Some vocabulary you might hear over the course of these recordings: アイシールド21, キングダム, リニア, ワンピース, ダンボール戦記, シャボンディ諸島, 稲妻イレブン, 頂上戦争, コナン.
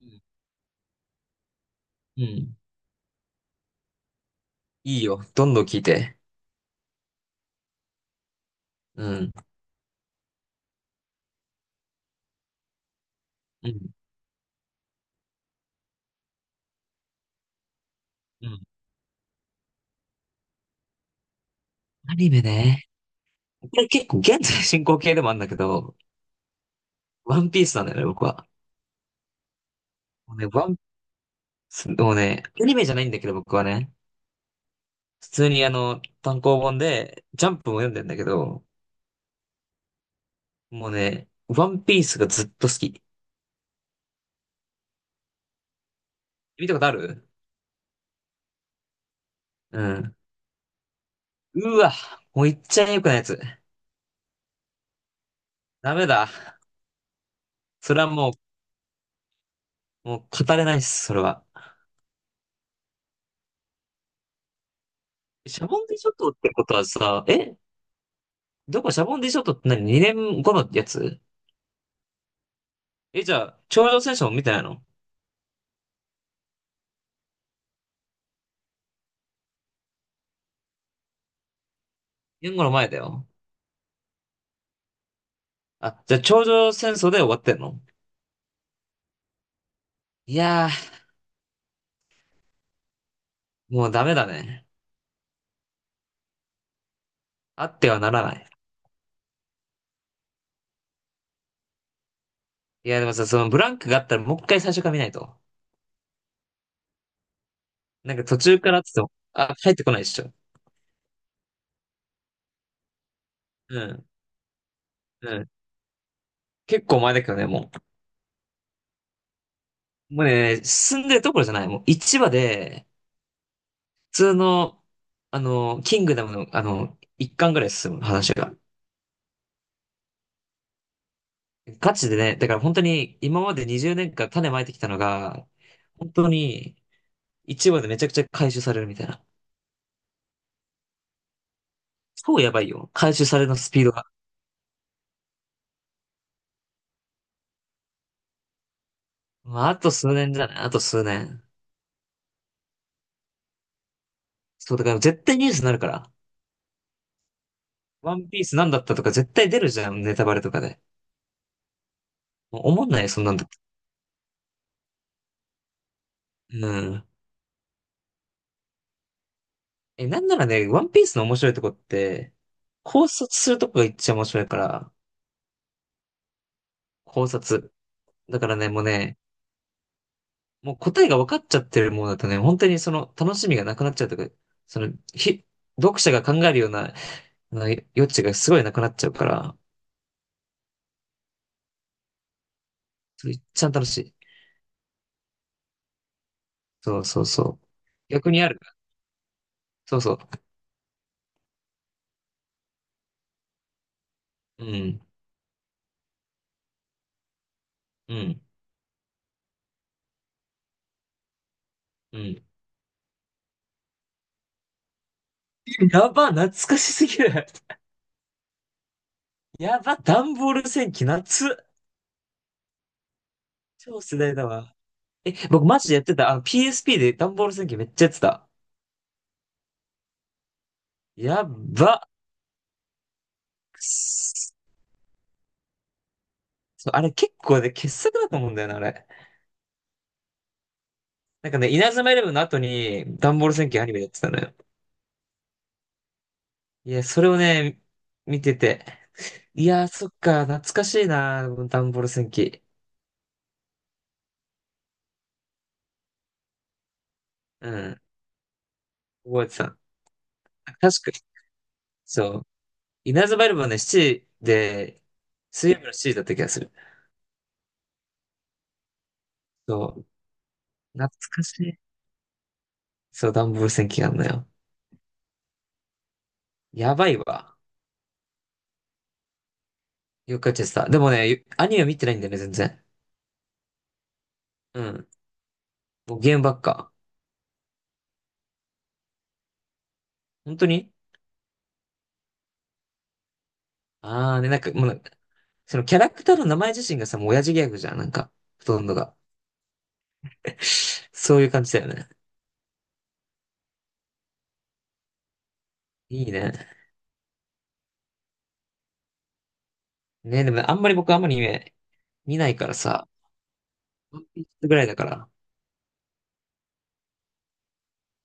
うん。うん。いいよ。どんどん聞いて。うん。うん。うん。アニメね。これ結構現在進行形でもあるんだけど、ワンピースなんだよね、僕は。もうね、もうね、アニメじゃないんだけど、僕はね。普通にあの、単行本で、ジャンプも読んでんだけど、もうね、ワンピースがずっと好き。見たことある？うん。うわ、もう言っちゃえよくないやつ。ダメだ。それはもう語れないっす、それは。シャボンディ諸島ってことはさ、どこ？シャボンディショットって何？ 2 年後のやつ？え、じゃあ、頂上戦争も見てないの？ 2 年後の前だよ。あ、じゃあ頂上戦争で終わってんの？いやー、もうダメだね。あってはならない。いや、でもさ、そのブランクがあったらもう一回最初から見ないと。なんか途中からって言っても、あ、帰ってこないでしょ。うん、うん。結構前だけどね、もう。もうね、進んでるところじゃない。もう一話で、普通の、あの、キングダムの、あの、1巻ぐらい進む話が。ガチでね、だから本当に今まで20年間種まいてきたのが、本当に一話でめちゃくちゃ回収されるみたいな。超やばいよ。回収されるのスピードが。まあ、あと数年じゃない？あと数年。そう、だから絶対ニュースになるから。ワンピースなんだったとか絶対出るじゃん、ネタバレとかで。もう思んないよ、そんなんだって。うん。え、なんならね、ワンピースの面白いとこって、考察するとこが一番面白いから、考察。だからね、もうね、もう答えが分かっちゃってるものだとね、本当にその楽しみがなくなっちゃうというか、その、読者が考えるような、あの余地がすごいなくなっちゃうから、それ一番楽しい。そうそうそう。逆にある。そうそう。うん、うん、うん。やば、懐かしすぎる。やば、段ボール戦記、夏。超世代だわ。え、僕マジでやってた。あの PSP で段ボール戦記めっちゃやってた。やば。くっそ、あれ結構ね、傑作だと思うんだよな、あれ。なんかね、稲妻イレブンの後に、ダンボール戦記アニメやってたのよ。いや、それをね、見てて。いや、そっか、懐かしいな、ダンボール戦記。うん、覚えてた。確か、そう。稲妻イレブンはね、7で、水曜日の7だった気がする。そう、懐かしい。そう、ダンボール戦記があんのよ。やばいわ。よくやっちゃってた。でもね、アニメ見てないんだよね、全然。うん。もうゲームばっか。本当に？ああ、で、なんか、もうなんか、そのキャラクターの名前自身がさ、もう親父ギャグじゃん、なんか、ほとんどが。そういう感じだよね。いいね。ね、でもあんまり僕あんまりね、見ないからさ、ワンピースぐらいだから、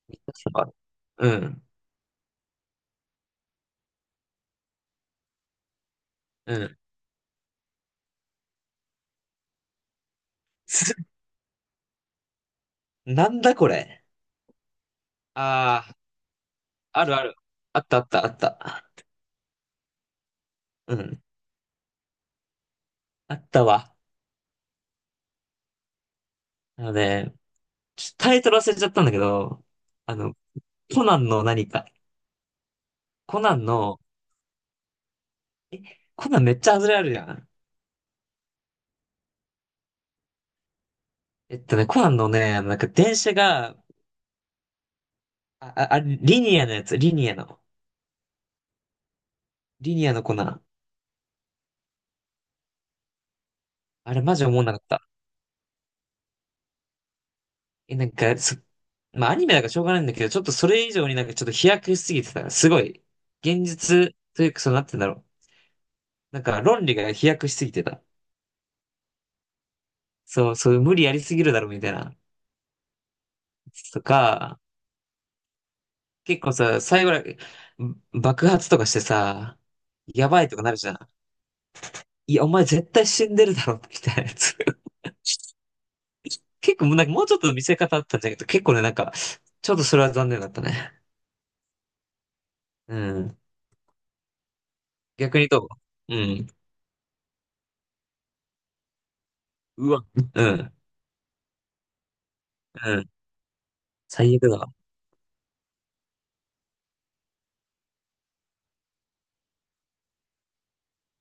見たことある？うん、うん。すなんだこれ。ああ、あるある。あったあったあった。うん。あったわ。あのね、タイトル忘れちゃったんだけど、あの、コナンの何か。コナンの、コナンめっちゃ外れあるじゃん。えっとね、コナンのね、あのなんか電車が、あ、リニアのやつ、リニアの。リニアのコナン。あれマジ思わなかった。え、なんか、まあアニメだからしょうがないんだけど、ちょっとそれ以上になんかちょっと飛躍しすぎてた。すごい。現実というか、そうなってんだろう。なんか論理が飛躍しすぎてた。そう、そう、無理やりすぎるだろ、みたいな。とか、結構さ、最後ら、爆発とかしてさ、やばいとかなるじゃん。いや、お前絶対死んでるだろ、みたいなやつ。結構もうなんかもうちょっと見せ方あったんだけど、結構ね、なんか、ちょっとそれは残念だったね。うん。逆にどう？うん。うわ。うん。うん。最悪だわ。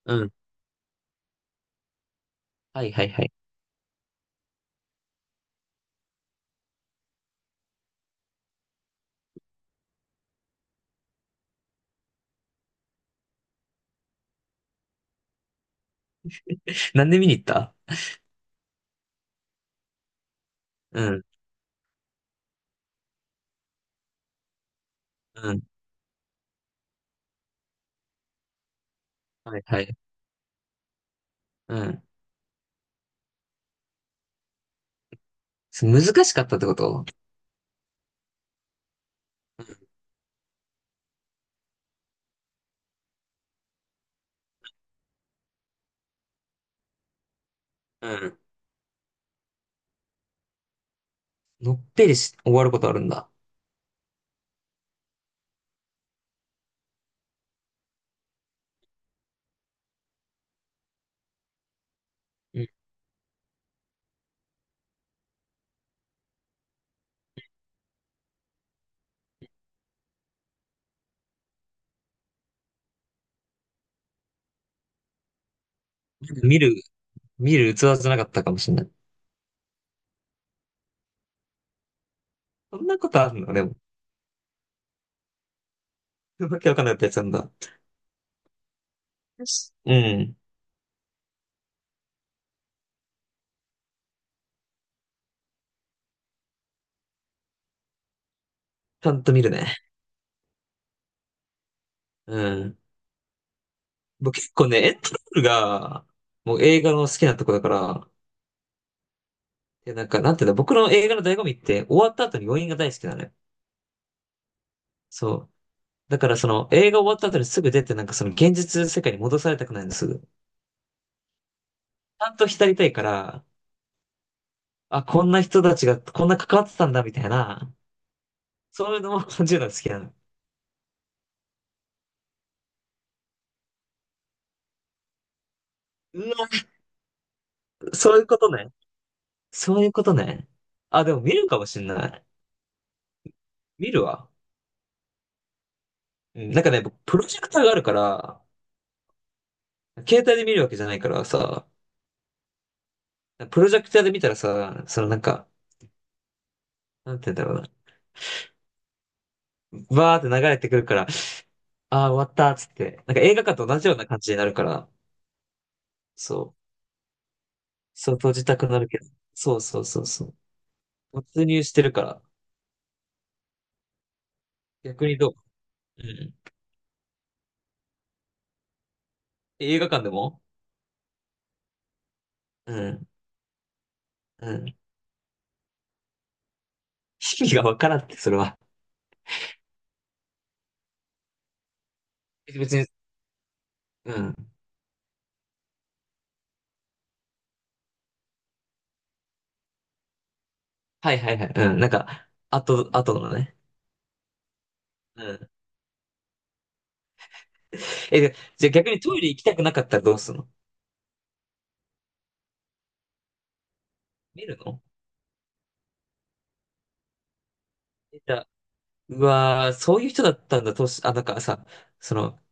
うん。はいはいはい。なんで見に行った？うん。うん。はいはい。うん。難しかったってこと？うん。うん。のっぺりし、終わることあるんだ。うん。見る、見る器じゃなかったかもしれない。そんなことあるの？でも。わけわかんないやつなんだ。よし。うん。ちゃんと見るね。うん。僕結構ね、エンドロールが、もう映画の好きなとこだから、で、なんか、なんていうんだ、僕の映画の醍醐味って、終わった後に余韻が大好きなのよ。そう。だからその、映画終わった後にすぐ出て、なんかその現実世界に戻されたくないんです。ちゃんと浸りたいから、あ、こんな人たちが、こんな関わってたんだ、みたいな、そういうのも感じるのが好きなの。うわ、そういうことね。そういうことね。あ、でも見るかもしんない。見るわ。うん、なんかね、僕プロジェクターがあるから、携帯で見るわけじゃないからさ、プロジェクターで見たらさ、そのなんか、なんて言うんだろうな。バーって流れてくるから、ああ、終わったっつって、なんか映画館と同じような感じになるから、そう、そう閉じたくなるけど、そうそうそうそう。没入してるから、逆にどう？うん。映画館でも？うん、うん。意味がわからんって、それは。別に、うん。はいはいはい。うん。なんか、あとのね。うん。え、で、じゃあ逆にトイレ行きたくなかったらどうするの？見るの？見た。うわー、そういう人だったんだ、あ、なんかさ、その、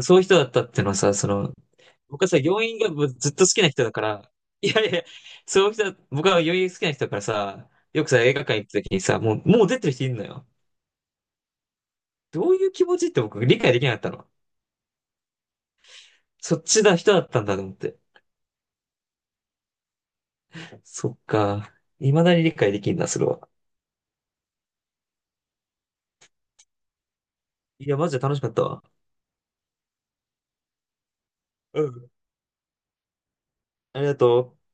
そういう人だったっていうのはさ、その、僕はさ、病院がずっと好きな人だから、いやいや、そういう人だ、僕は病院好きな人だからさ、よくさ、映画館行った時にさ、もう、もう出てる人いるのよ。どういう気持ちって僕理解できなかったの。そっちだ人だったんだと思って。そっか。未だに理解できんな、それは。いや、マジで楽しかったわ。うん。ありがとう。